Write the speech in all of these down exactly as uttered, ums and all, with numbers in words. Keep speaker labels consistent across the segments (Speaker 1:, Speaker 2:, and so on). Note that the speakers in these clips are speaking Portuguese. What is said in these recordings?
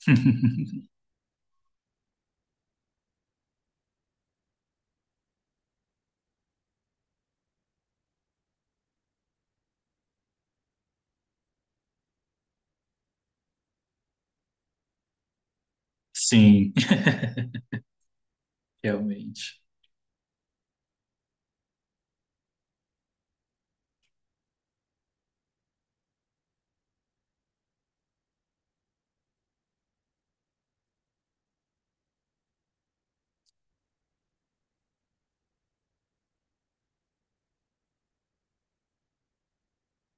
Speaker 1: Sim, realmente.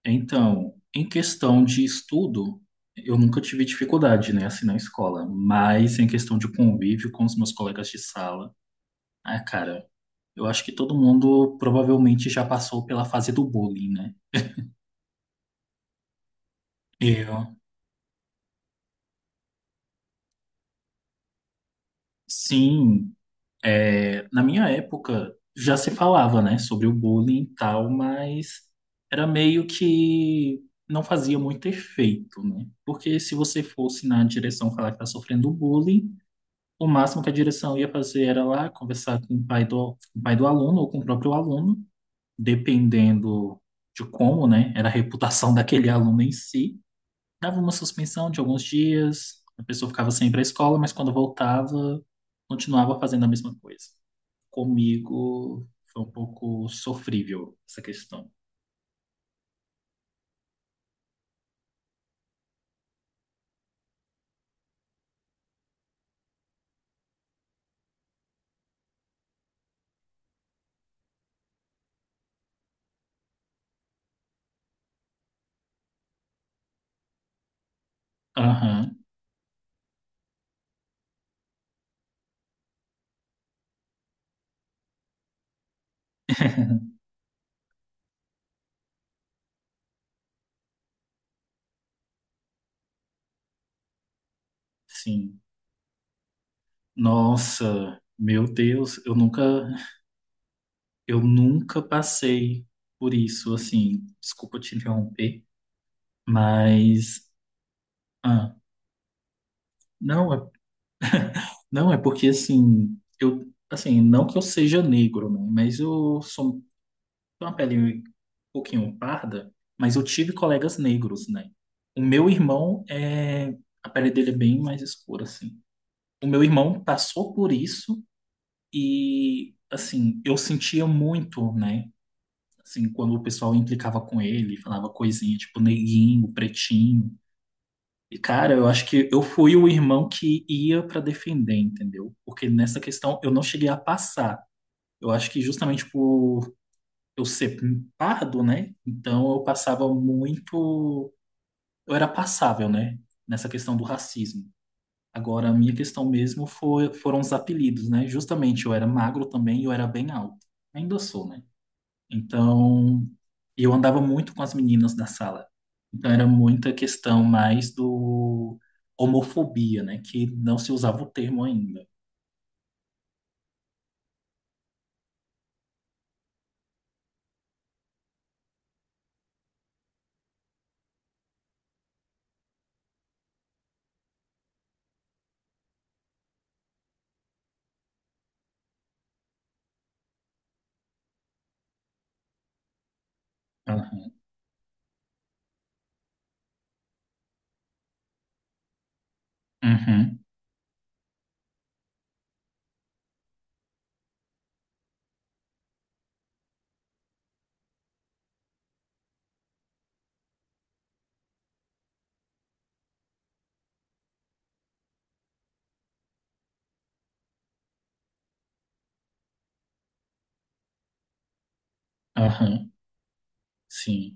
Speaker 1: Então, em questão de estudo, eu nunca tive dificuldade, né, assim, na escola, mas em questão de convívio com os meus colegas de sala, ah, cara, eu acho que todo mundo provavelmente já passou pela fase do bullying, né? Eu, sim. É, na minha época já se falava, né, sobre o bullying e tal, mas era meio que não fazia muito efeito, né? Porque se você fosse na direção falar que tá sofrendo bullying, o máximo que a direção ia fazer era lá conversar com o pai do, com o pai do aluno ou com o próprio aluno, dependendo de como, né, era a reputação daquele aluno em si. Dava uma suspensão de alguns dias, a pessoa ficava sem ir para a escola, mas quando voltava, continuava fazendo a mesma coisa. Comigo foi um pouco sofrível essa questão. Aham, sim. Nossa, meu Deus, eu nunca, eu nunca passei por isso, assim. Desculpa te interromper, mas ah, não, é, não é porque assim, eu assim, não que eu seja negro, né, mas eu sou. Tenho uma pele um pouquinho parda, mas eu tive colegas negros, né? O meu irmão é. A pele dele é bem mais escura, assim. O meu irmão passou por isso e, assim, eu sentia muito, né? Assim, quando o pessoal implicava com ele, falava coisinha tipo neguinho, pretinho. E, cara, eu acho que eu fui o irmão que ia pra defender, entendeu? Porque nessa questão eu não cheguei a passar. Eu acho que justamente por eu ser pardo, né? Então eu passava muito, eu era passável, né? Nessa questão do racismo. Agora, a minha questão mesmo foi, foram os apelidos, né? Justamente eu era magro também e eu era bem alto. Ainda sou, né? Então, eu andava muito com as meninas da sala. Então era muita questão mais do homofobia, né? Que não se usava o termo ainda. Aham, uhum, aham, sim,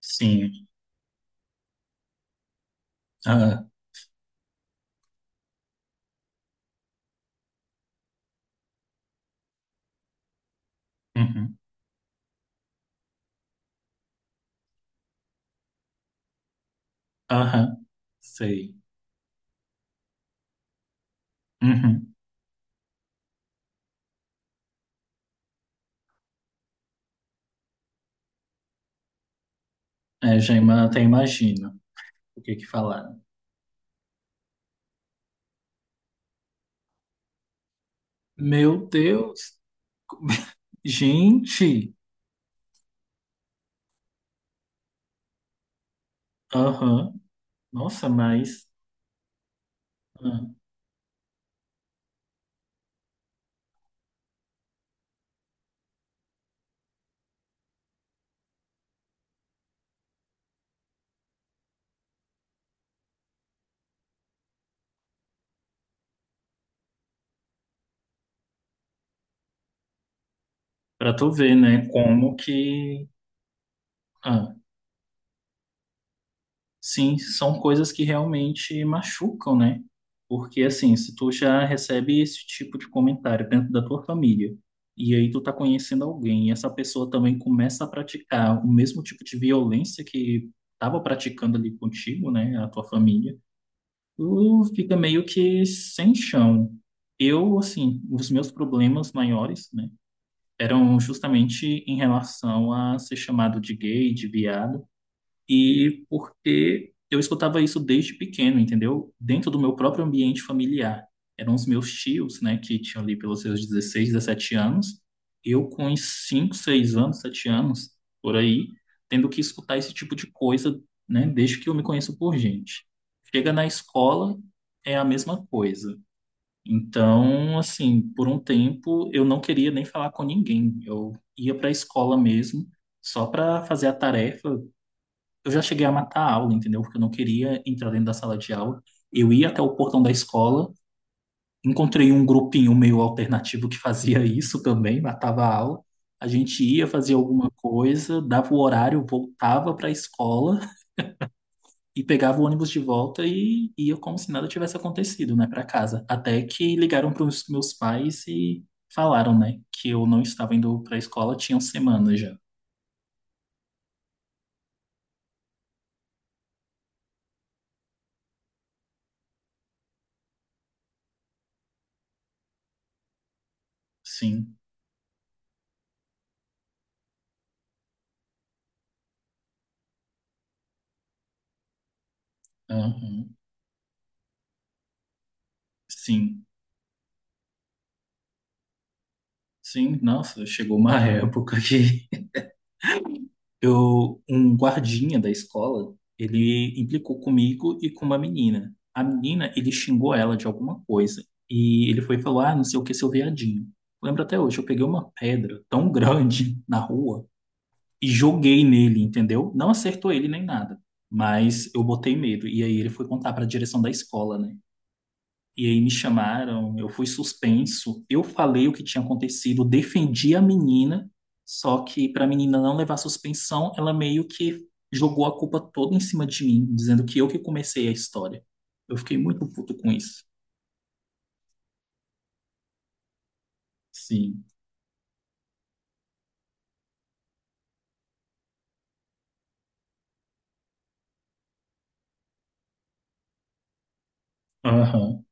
Speaker 1: sim, aham, uhum, aham, sei. Uhum. É, já ima- até imagino o que que falaram. Meu Deus! Gente! Aham. Nossa, mas ah, pra tu ver, né? Como que. Ah, sim, são coisas que realmente machucam, né? Porque assim, se tu já recebe esse tipo de comentário dentro da tua família, e aí tu tá conhecendo alguém, e essa pessoa também começa a praticar o mesmo tipo de violência que tava praticando ali contigo, né? A tua família. Tu fica meio que sem chão. Eu, assim, os meus problemas maiores, né, eram justamente em relação a ser chamado de gay, de viado. E porque eu escutava isso desde pequeno, entendeu? Dentro do meu próprio ambiente familiar. Eram os meus tios, né, que tinham ali pelos seus dezesseis, dezessete anos. Eu com uns cinco, seis anos, sete anos, por aí, tendo que escutar esse tipo de coisa, né, desde que eu me conheço por gente. Chega na escola, é a mesma coisa. Então, assim, por um tempo eu não queria nem falar com ninguém. Eu ia para a escola mesmo só para fazer a tarefa, eu já cheguei a matar a aula, entendeu? Porque eu não queria entrar dentro da sala de aula. Eu ia até o portão da escola, encontrei um grupinho meio alternativo que fazia isso também, matava a aula. A gente ia fazer alguma coisa, dava o horário, voltava para a escola e pegava o ônibus de volta e ia como se nada tivesse acontecido, né, para casa. Até que ligaram para os meus pais e falaram, né, que eu não estava indo para a escola, tinham semanas já. Sim, aham, sim. Sim, nossa, chegou uma época que eu, um guardinha da escola, ele implicou comigo e com uma menina. A menina, ele xingou ela de alguma coisa e ele foi falar, ah, não sei o que, seu viadinho. Lembro até hoje, eu peguei uma pedra tão grande na rua e joguei nele, entendeu? Não acertou ele nem nada, mas eu botei medo. E aí ele foi contar para a direção da escola, né? E aí me chamaram, eu fui suspenso, eu falei o que tinha acontecido, defendi a menina, só que para a menina não levar suspensão, ela meio que jogou a culpa toda em cima de mim, dizendo que eu que comecei a história. Eu fiquei muito puto com isso. Sim. Aham.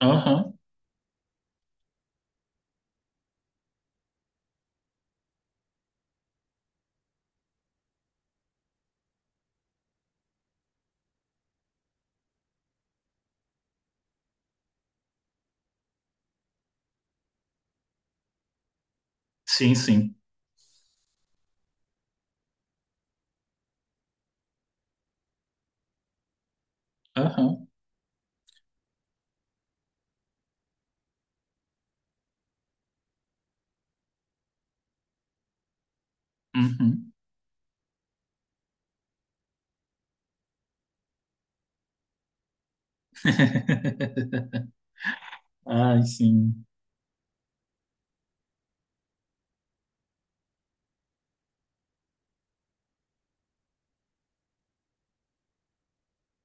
Speaker 1: Aham. Sim, sim. Aham. Uhum. Ai, sim.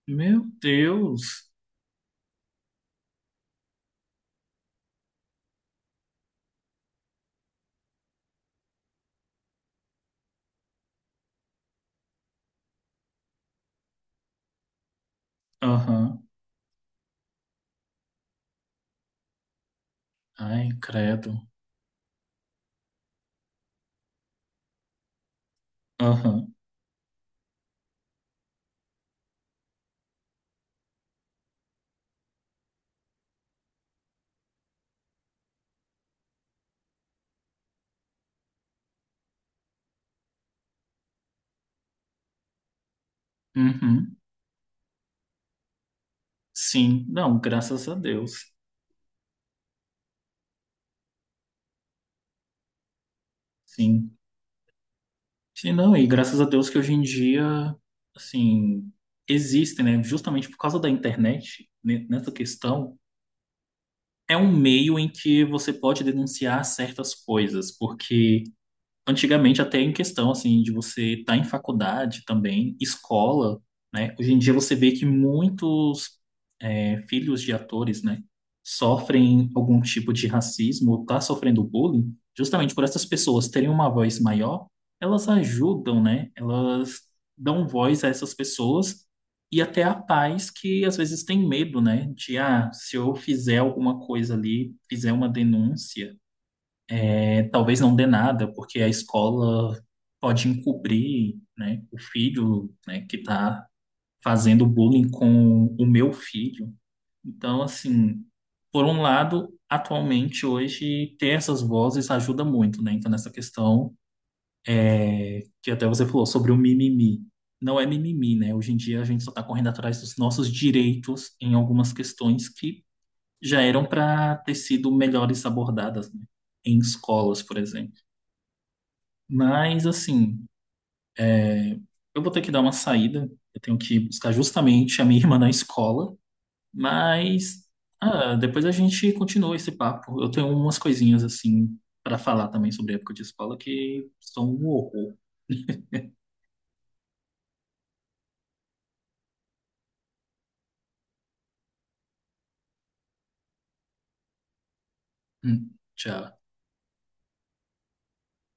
Speaker 1: Meu Deus. Aham. Ai, credo. Aham. Uhum. Sim. Não, graças a Deus. Sim. Sim, não, e graças a Deus que hoje em dia, assim, existem, né? Justamente por causa da internet, né, nessa questão, é um meio em que você pode denunciar certas coisas, porque antigamente até em questão assim de você estar em faculdade também, escola, né? Hoje em dia você vê que muitos é, filhos de atores, né, sofrem algum tipo de racismo ou tá sofrendo bullying, justamente por essas pessoas terem uma voz maior, elas ajudam, né? Elas dão voz a essas pessoas e até a pais que às vezes têm medo, né? De ah, se eu fizer alguma coisa ali, fizer uma denúncia, é, talvez não dê nada, porque a escola pode encobrir, né, o filho, né, que está fazendo bullying com o meu filho. Então, assim, por um lado, atualmente, hoje, ter essas vozes ajuda muito, né? Então, nessa questão que até você falou sobre o mimimi. Não é mimimi, né? Hoje em dia a gente só está correndo atrás dos nossos direitos em algumas questões que já eram para ter sido melhores abordadas, né? Em escolas, por exemplo. Mas, assim, eu vou ter que dar uma saída. Eu tenho que buscar justamente a minha irmã na escola. Mas ah, depois a gente continua esse papo. Eu tenho umas coisinhas assim para falar também sobre a época de escola que são um horror. Hum, tchau.